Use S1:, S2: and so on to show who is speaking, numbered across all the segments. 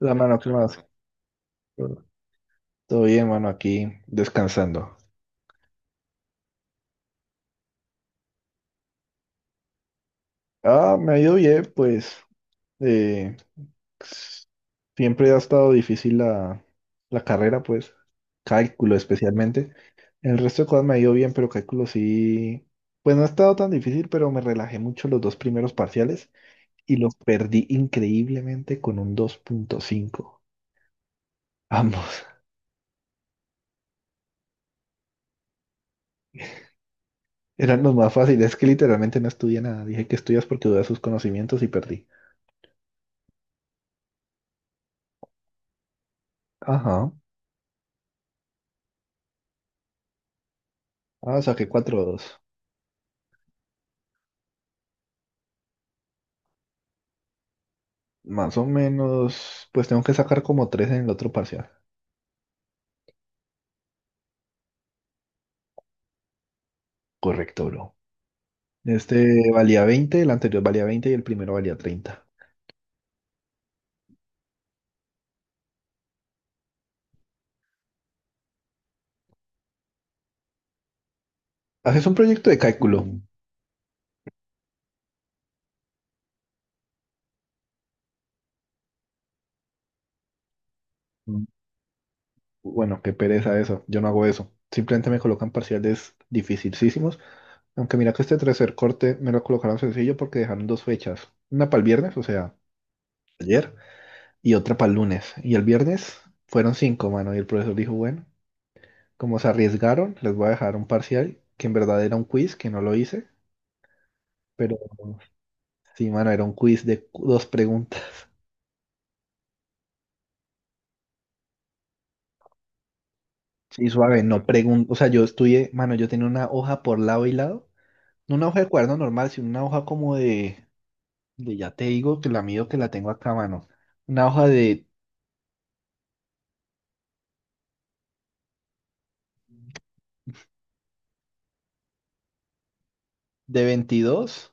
S1: La mano, ¿qué más? Todo bien, mano, aquí descansando. Ah, me ha ido bien, pues. eh, Siempre ha estado difícil la carrera, pues. Cálculo especialmente. El resto de cosas me ha ido bien, pero cálculo sí. Pues no ha estado tan difícil, pero me relajé mucho los dos primeros parciales y los perdí increíblemente con un 2,5. Ambos. Eran los más fáciles. Es que literalmente no estudié nada. Dije que estudias porque dudé de sus conocimientos y perdí. Ajá. Ah, saqué 4,2. Más o menos, pues tengo que sacar como tres en el otro parcial. Correcto, bro. Este valía 20, el anterior valía 20 y el primero valía 30. Haces un proyecto de cálculo. Mm. Bueno, qué pereza eso. Yo no hago eso. Simplemente me colocan parciales dificilísimos. Aunque mira que este tercer corte me lo colocaron sencillo porque dejaron dos fechas. Una para el viernes, o sea, ayer, y otra para el lunes. Y el viernes fueron cinco, mano. Y el profesor dijo, bueno, como se arriesgaron, les voy a dejar un parcial que en verdad era un quiz, que no lo hice. Pero sí, mano, era un quiz de dos preguntas. Sí, suave, no pregunto. O sea, yo estudié, mano, yo tenía una hoja por lado y lado. No una hoja de cuaderno normal, sino una hoja como de ya te digo que la mido que la tengo acá, mano. Una hoja de veintidós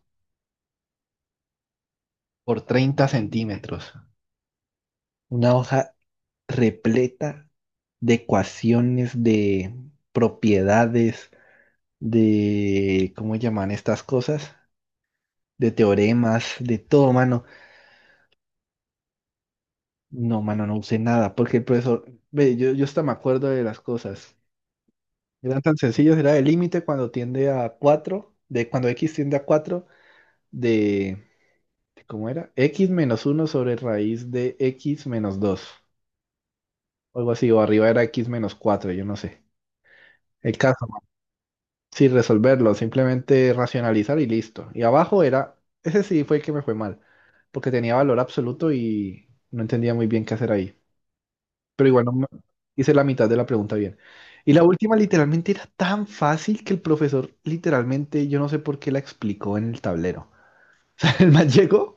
S1: por treinta centímetros. Una hoja repleta de ecuaciones, de propiedades, ¿cómo llaman estas cosas? De teoremas, de todo, mano. No, mano, no usé nada, porque el profesor, ve, yo hasta me acuerdo de las cosas. Eran tan sencillos, era el límite cuando tiende a 4, de cuando x tiende a 4, de, de ¿cómo era? X menos uno sobre raíz de x menos 2, o algo así, o arriba era x menos 4, yo no sé. El caso, mano. Sí, resolverlo, simplemente racionalizar y listo. Y abajo era, ese sí fue el que me fue mal, porque tenía valor absoluto y no entendía muy bien qué hacer ahí. Pero igual no hice la mitad de la pregunta bien. Y la última literalmente era tan fácil que el profesor literalmente, yo no sé por qué la explicó en el tablero. O sea, el man llegó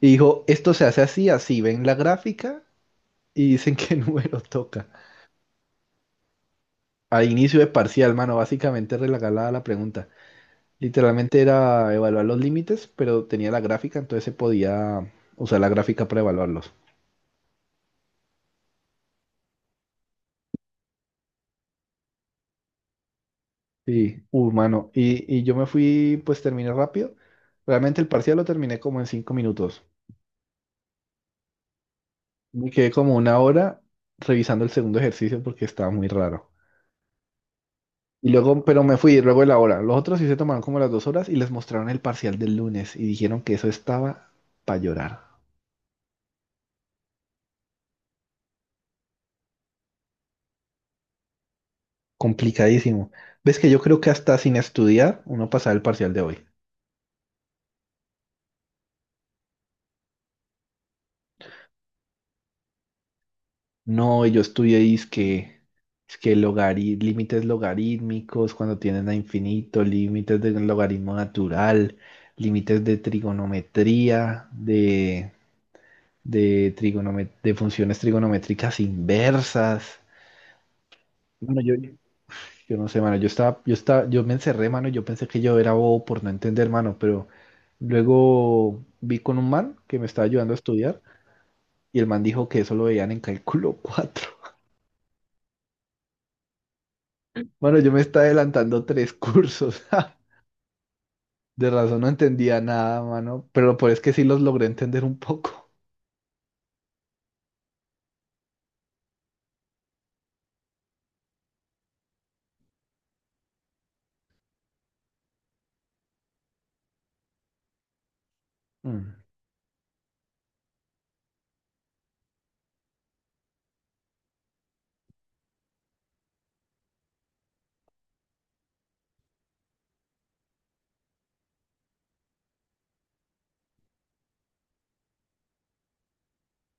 S1: y dijo, esto se hace así, así, ven la gráfica y dicen qué número toca. A inicio de parcial, mano, básicamente regalada la pregunta. Literalmente era evaluar los límites, pero tenía la gráfica, entonces se podía usar la gráfica para evaluarlos. Sí, humano. Y yo me fui, pues terminé rápido. Realmente el parcial lo terminé como en 5 minutos. Me quedé como 1 hora revisando el segundo ejercicio porque estaba muy raro. Y luego, pero me fui luego de la hora. Los otros sí se tomaron como las 2 horas y les mostraron el parcial del lunes y dijeron que eso estaba para llorar. Complicadísimo. Ves que yo creo que hasta sin estudiar uno pasaba el parcial de hoy. No, yo estudié es que límites logarítmicos, cuando tienen a infinito, límites de logaritmo natural, límites de trigonometría, de de funciones trigonométricas inversas. Mano, yo no sé, mano, yo me encerré, mano, yo pensé que yo era bobo por no entender, mano, pero luego vi con un man que me estaba ayudando a estudiar y el man dijo que eso lo veían en cálculo 4. Bueno, yo me estaba adelantando tres cursos. Ja. De razón no entendía nada, mano. Pero por es que sí los logré entender un poco. Mm.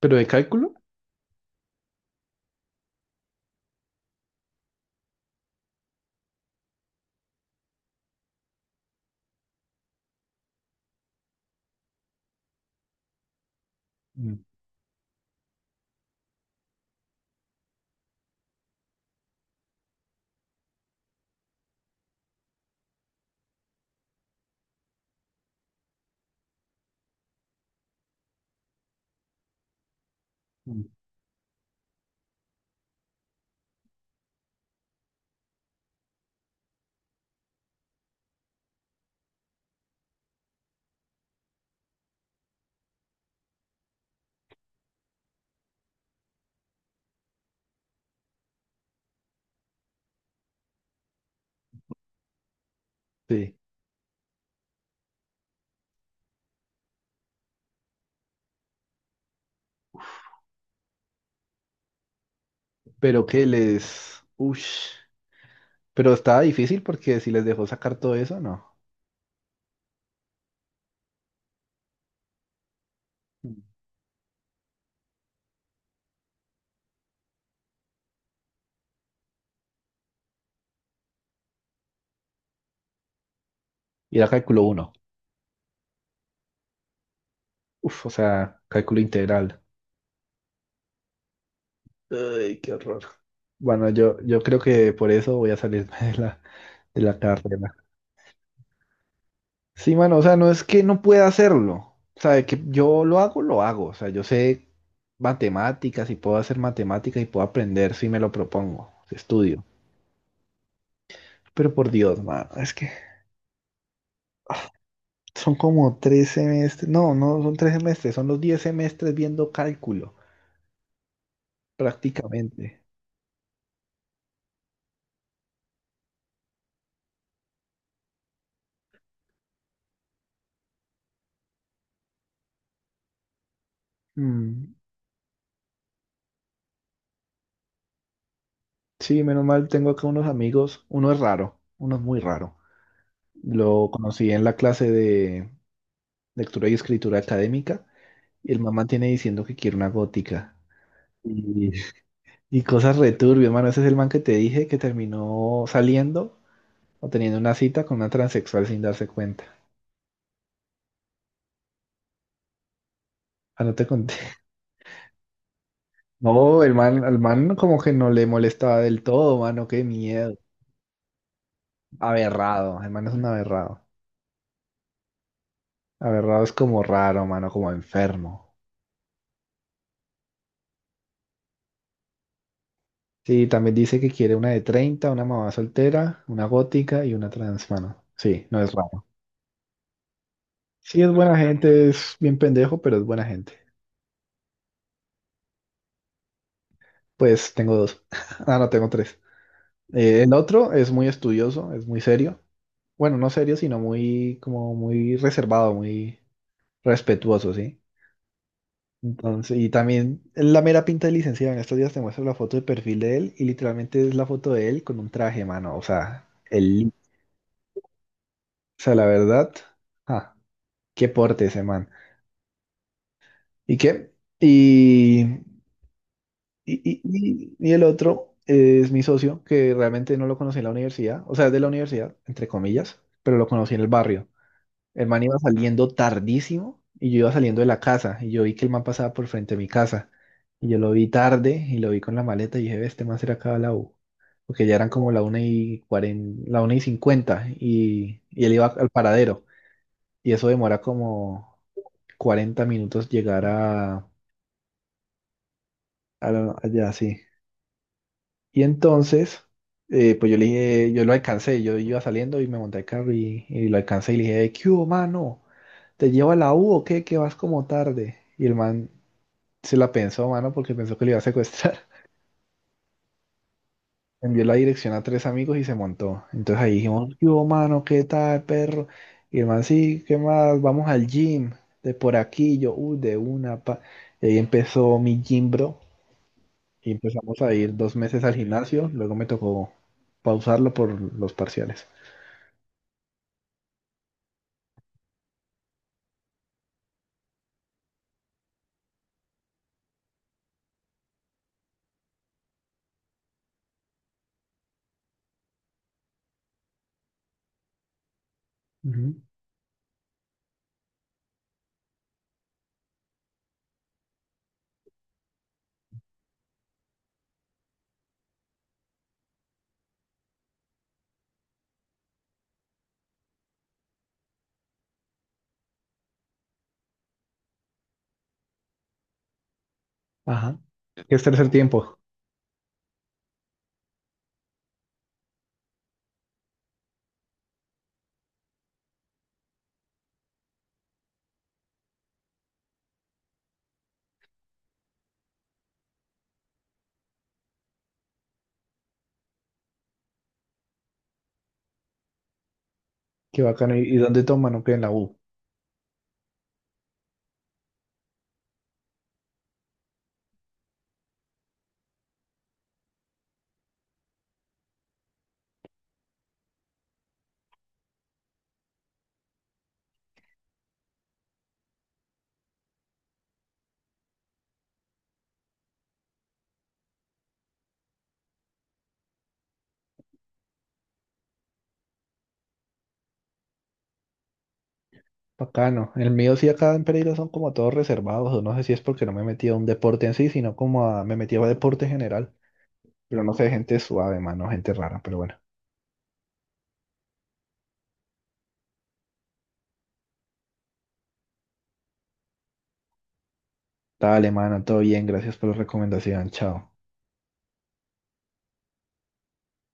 S1: ¿Pero de cálculo? Mm, mm. Sí. Pero que les. Ush. Pero estaba difícil porque si les dejó sacar todo eso, no. Mm. Y era cálculo uno. Uf, o sea, cálculo integral. Ay, qué horror. Bueno, yo creo que por eso voy a salirme de de la carrera. Sí, mano, o sea, no es que no pueda hacerlo. O sea, de que yo lo hago, lo hago. O sea, yo sé matemáticas y puedo hacer matemáticas y puedo aprender si me lo propongo, si estudio. Pero por Dios, mano, es que son como 3 semestres. No, no son 3 semestres, son los 10 semestres viendo cálculo, prácticamente. Mm, Sí, menos mal, tengo acá unos amigos. Uno es raro, uno es muy raro. Lo conocí en la clase de lectura y escritura académica y el mamá tiene diciendo que quiere una gótica. Y, y cosas returbio, hermano. Ese es el man que te dije que terminó saliendo o teniendo una cita con una transexual sin darse cuenta. Ah, no te conté. No, el man como que no le molestaba del todo, mano. Qué miedo. Aberrado. El man es un aberrado. Aberrado es como raro, mano, como enfermo. Sí, también dice que quiere una de 30, una mamá soltera, una gótica y una trans, mano. Sí, no es raro. Sí, es buena gente, es bien pendejo, pero es buena gente. Pues tengo dos. Ah, no, tengo tres. El otro es muy estudioso, es muy serio. Bueno, no serio, sino muy, como muy reservado, muy respetuoso, ¿sí? Entonces, y también la mera pinta de licenciado. En estos días te muestro la foto de perfil de él y literalmente es la foto de él con un traje, mano. O sea, o sea, la verdad, ah, qué porte ese man. ¿Y qué? Y, y, y el otro es mi socio, que realmente no lo conocí en la universidad, o sea, es de la universidad, entre comillas, pero lo conocí en el barrio. El man iba saliendo tardísimo y yo iba saliendo de la casa y yo vi que el man pasaba por frente a mi casa y yo lo vi tarde y lo vi con la maleta y dije: "Ve, este man será acá a la U". Porque ya eran como la 1:40, la 1:50 y él iba al paradero y eso demora como 40 minutos llegar allá, sí. Y entonces, pues yo le dije, yo lo alcancé, yo iba saliendo y me monté al carro y lo alcancé y le dije, ¿qué hubo, mano? ¿Te llevo a la U o qué? Que vas como tarde. Y el man se la pensó, mano, porque pensó que le iba a secuestrar. Envió la dirección a tres amigos y se montó. Entonces ahí dijimos, yo, mano, ¿qué tal, perro? Y el man, sí, ¿qué más? Vamos al gym, de por aquí, yo, uy, de una, pa. Y ahí empezó mi gym, bro. Y empezamos a ir 2 meses al gimnasio. Luego me tocó pausarlo por los parciales. Ujú. Ajá. ¿Qué es tercer tiempo? Qué bacano. ¿Y dónde toman o qué en la U? Bacano. El mío sí acá en Pereira son como todos reservados, o no sé si es porque no me he metido a un deporte en sí, sino como me metí a deporte general. Pero no sé, gente suave, mano, gente rara, pero bueno. Dale, mano, todo bien, gracias por la recomendación, chao.